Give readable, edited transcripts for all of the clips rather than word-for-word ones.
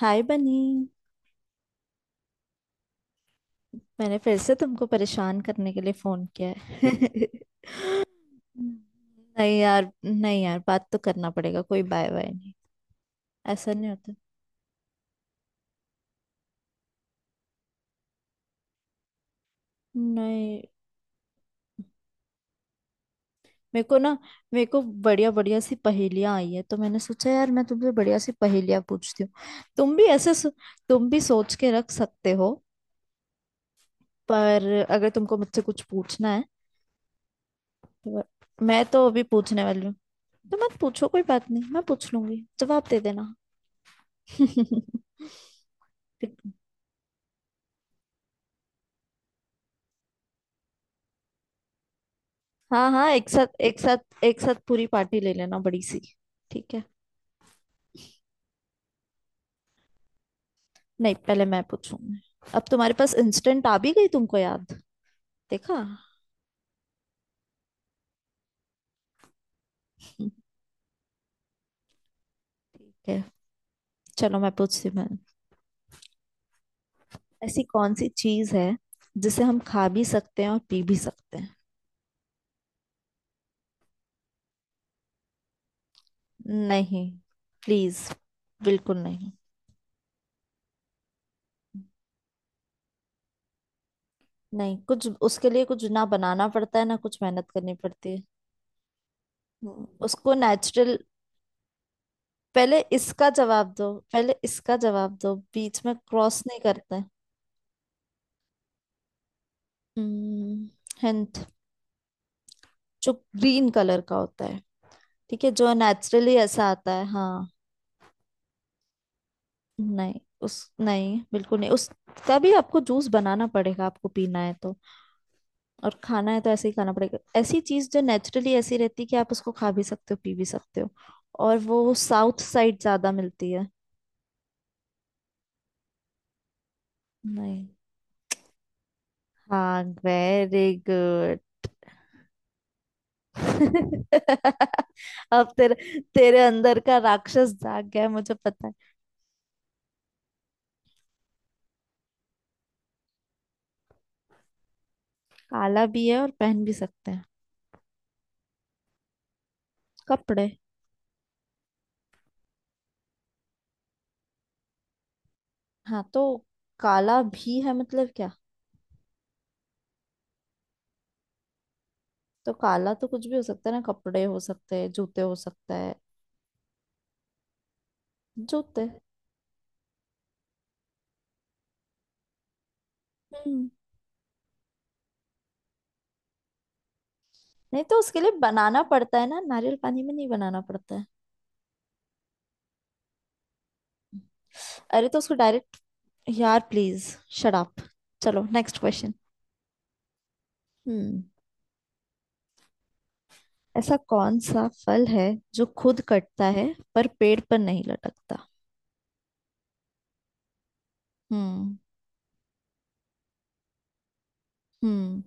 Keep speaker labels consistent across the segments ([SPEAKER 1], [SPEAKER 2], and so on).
[SPEAKER 1] हाय बनी। मैंने फिर से तुमको परेशान करने के लिए फोन किया है। नहीं यार, बात तो करना पड़ेगा, कोई बाय बाय नहीं। ऐसा नहीं होता। नहीं। मेरे को ना मेरे को बढ़िया बढ़िया सी पहेलियां आई है, तो मैंने सोचा यार मैं तुमसे बढ़िया सी पहेलियां पूछती हूँ। तुम भी ऐसे सो- तुम भी सोच के रख सकते हो। पर अगर तुमको मुझसे कुछ पूछना है तो। मैं तो अभी पूछने वाली हूँ। तो मत पूछो, कोई बात नहीं, मैं पूछ लूंगी, जवाब दे देना। हाँ हाँ, एक साथ, एक साथ, एक साथ पूरी पार्टी ले लेना बड़ी सी। ठीक है। नहीं, पहले मैं पूछूंगी। अब तुम्हारे पास इंस्टेंट आ भी गई तुमको याद। देखा। ठीक है, चलो मैं पूछती हूँ मैं। ऐसी कौन सी चीज है जिसे हम खा भी सकते हैं और पी भी सकते हैं? नहीं। प्लीज। बिल्कुल नहीं। नहीं, कुछ उसके लिए कुछ ना बनाना पड़ता है, ना कुछ मेहनत करनी पड़ती है। उसको नेचुरल। पहले इसका जवाब दो। पहले इसका जवाब दो, बीच में क्रॉस नहीं करते। हिंट। जो ग्रीन कलर का होता है। ठीक है, जो नेचुरली ऐसा आता है, हाँ। नहीं, उस नहीं, बिल्कुल नहीं, उसका भी आपको जूस बनाना पड़ेगा आपको पीना है तो। और खाना है तो ऐसे ही खाना पड़ेगा। ऐसी चीज जो नेचुरली ऐसी रहती है कि आप उसको खा भी सकते हो पी भी सकते हो। और वो साउथ साइड ज्यादा मिलती है। नहीं। हाँ, वेरी गुड। अब तेरे तेरे अंदर का राक्षस जाग गया है, मुझे पता है। काला भी है और पहन भी सकते हैं? कपड़े। हाँ तो, काला भी है मतलब क्या? तो काला तो कुछ भी हो सकता है ना, कपड़े हो सकते हैं, जूते हो सकता है। जूते। हम्म। नहीं तो उसके लिए बनाना पड़ता है ना, नारियल पानी में नहीं बनाना पड़ता है। अरे तो उसको डायरेक्ट। यार प्लीज, शट अप। चलो नेक्स्ट क्वेश्चन। हम्म। ऐसा कौन सा फल है जो खुद कटता है पर पेड़ पर नहीं लटकता? हम्म। हम्म।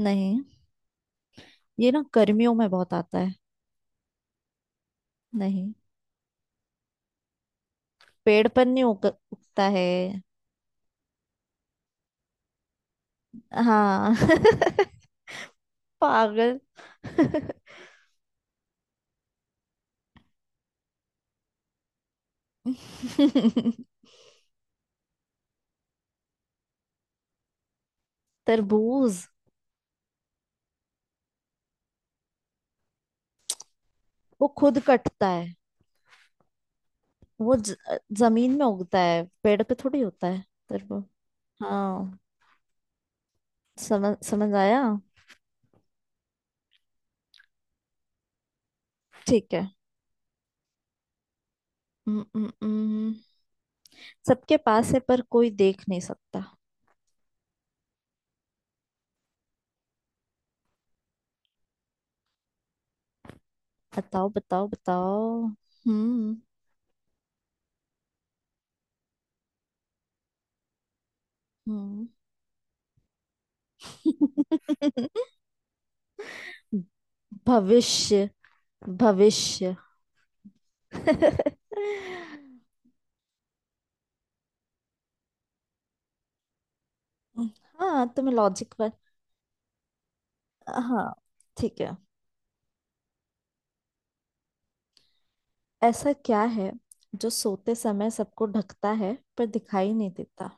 [SPEAKER 1] नहीं, ये ना गर्मियों में बहुत आता है। नहीं। पेड़ पर नहीं उगता है। हाँ। पागल। तरबूज। वो खुद कटता है। वो जमीन में उगता है, पेड़ पे थोड़ी होता है। तरबूज। हाँ। समझ समझ आया। ठीक है। हम्म। हम्म। हम्म। सबके पास है पर कोई देख नहीं सकता। बताओ, बताओ, बताओ। हम्म। हम्म। भविष्य। भविष्य। हाँ, तुम्हें लॉजिक पर। हाँ। ठीक है। ऐसा क्या है जो सोते समय सबको ढकता है पर दिखाई नहीं देता?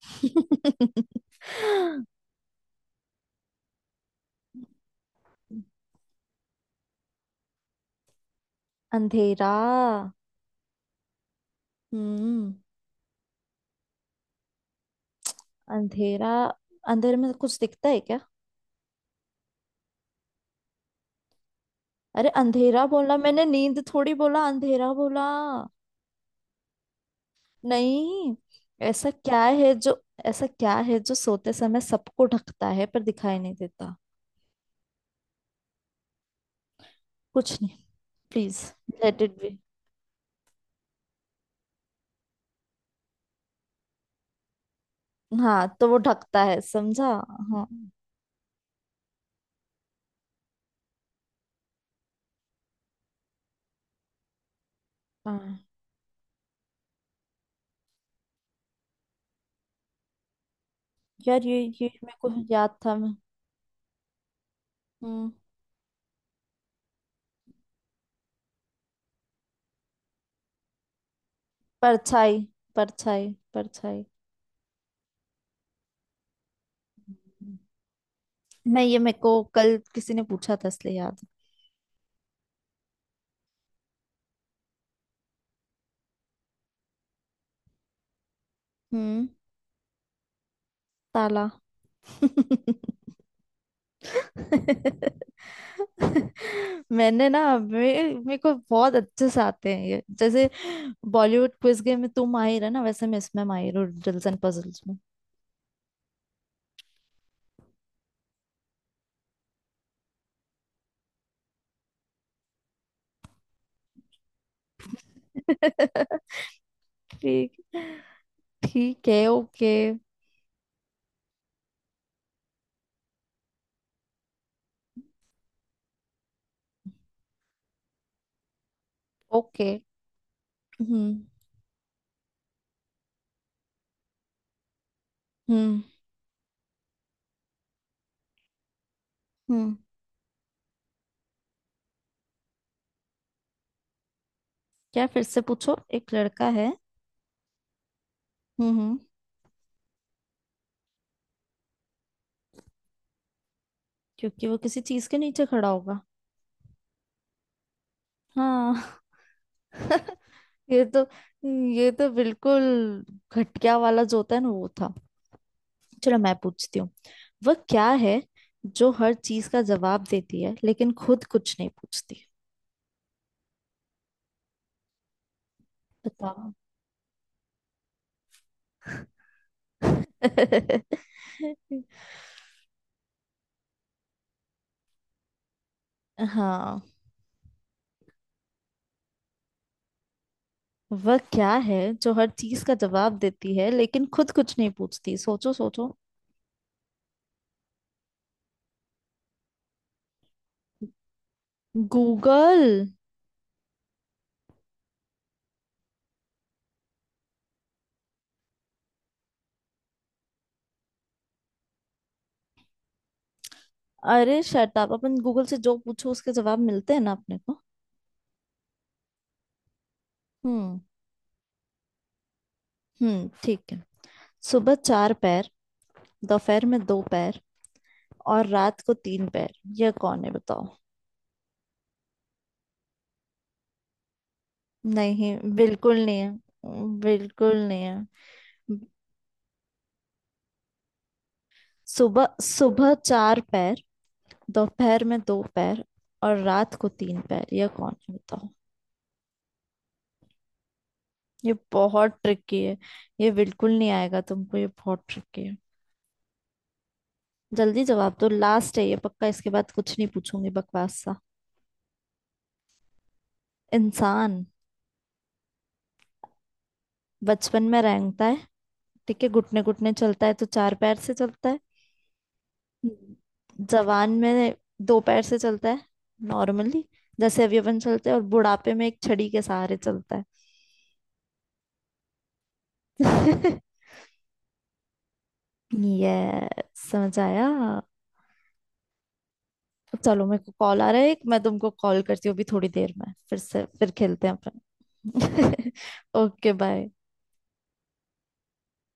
[SPEAKER 1] अंधेरा। हम्म। अंधेरा। अंधेरे में कुछ दिखता है क्या? अरे अंधेरा बोला मैंने, नींद थोड़ी बोला, अंधेरा बोला। नहीं। ऐसा क्या है जो। ऐसा क्या है जो सोते समय सबको ढकता है पर दिखाई नहीं देता? कुछ नहीं। प्लीज। Let it be. हाँ तो वो ढकता है, समझा। हाँ। हाँ। यार ये मेरे को याद था मैं। हम्म। परछाई, परछाई, परछाई। नहीं, ये मेरे को कल किसी ने पूछा था, इसलिए याद है। हम्म। ताला। मैंने ना, मे मेरे को बहुत अच्छे से आते हैं ये, जैसे बॉलीवुड क्विज गेम में तू माहिर है ना, वैसे मैं इसमें माहिर हूँ रिडल्स एंड पजल्स में। ठीक। ठीक है। ओके। ओके। हम्म। हम्म। हम्म। क्या? फिर से पूछो, एक लड़का है। हम्म, हम्म। क्योंकि वो किसी चीज के नीचे खड़ा होगा। हाँ। ये तो ये तो बिल्कुल घटिया वाला जो होता है ना, वो था। चलो मैं पूछती हूँ। वह क्या है जो हर चीज का जवाब देती है लेकिन खुद कुछ नहीं पूछती? बताओ। हाँ। वह क्या है जो हर चीज का जवाब देती है लेकिन खुद कुछ नहीं पूछती? सोचो, सोचो। गूगल। अरे शट अप, अपन गूगल से जो पूछो उसके जवाब मिलते हैं ना अपने को। हम्म। हम्म, ठीक है। सुबह चार पैर, दोपहर में दो पैर, और रात को तीन पैर, यह कौन है बताओ? नहीं, बिल्कुल नहीं है। बिल्कुल नहीं है। सुबह सुबह चार पैर, दोपहर में दो पैर, और रात को तीन पैर, यह कौन है बताओ? ये बहुत ट्रिकी है। ये बिल्कुल नहीं आएगा तुमको, ये बहुत ट्रिकी है। जल्दी जवाब दो, लास्ट है ये पक्का, इसके बाद कुछ नहीं पूछूंगी, बकवास सा। इंसान। बचपन में रेंगता है, ठीक है, घुटने घुटने चलता है तो चार पैर से चलता है। हम्म, जवान में दो पैर से चलता है, नॉर्मली, जैसे अभी अपन चलते हैं, और बुढ़ापे में एक छड़ी के सहारे चलता है। ये समझ आया। चलो मेरे को कॉल आ रहा है एक, मैं तुमको कॉल करती हूँ अभी थोड़ी देर में, फिर से फिर खेलते हैं अपन। Okay bye.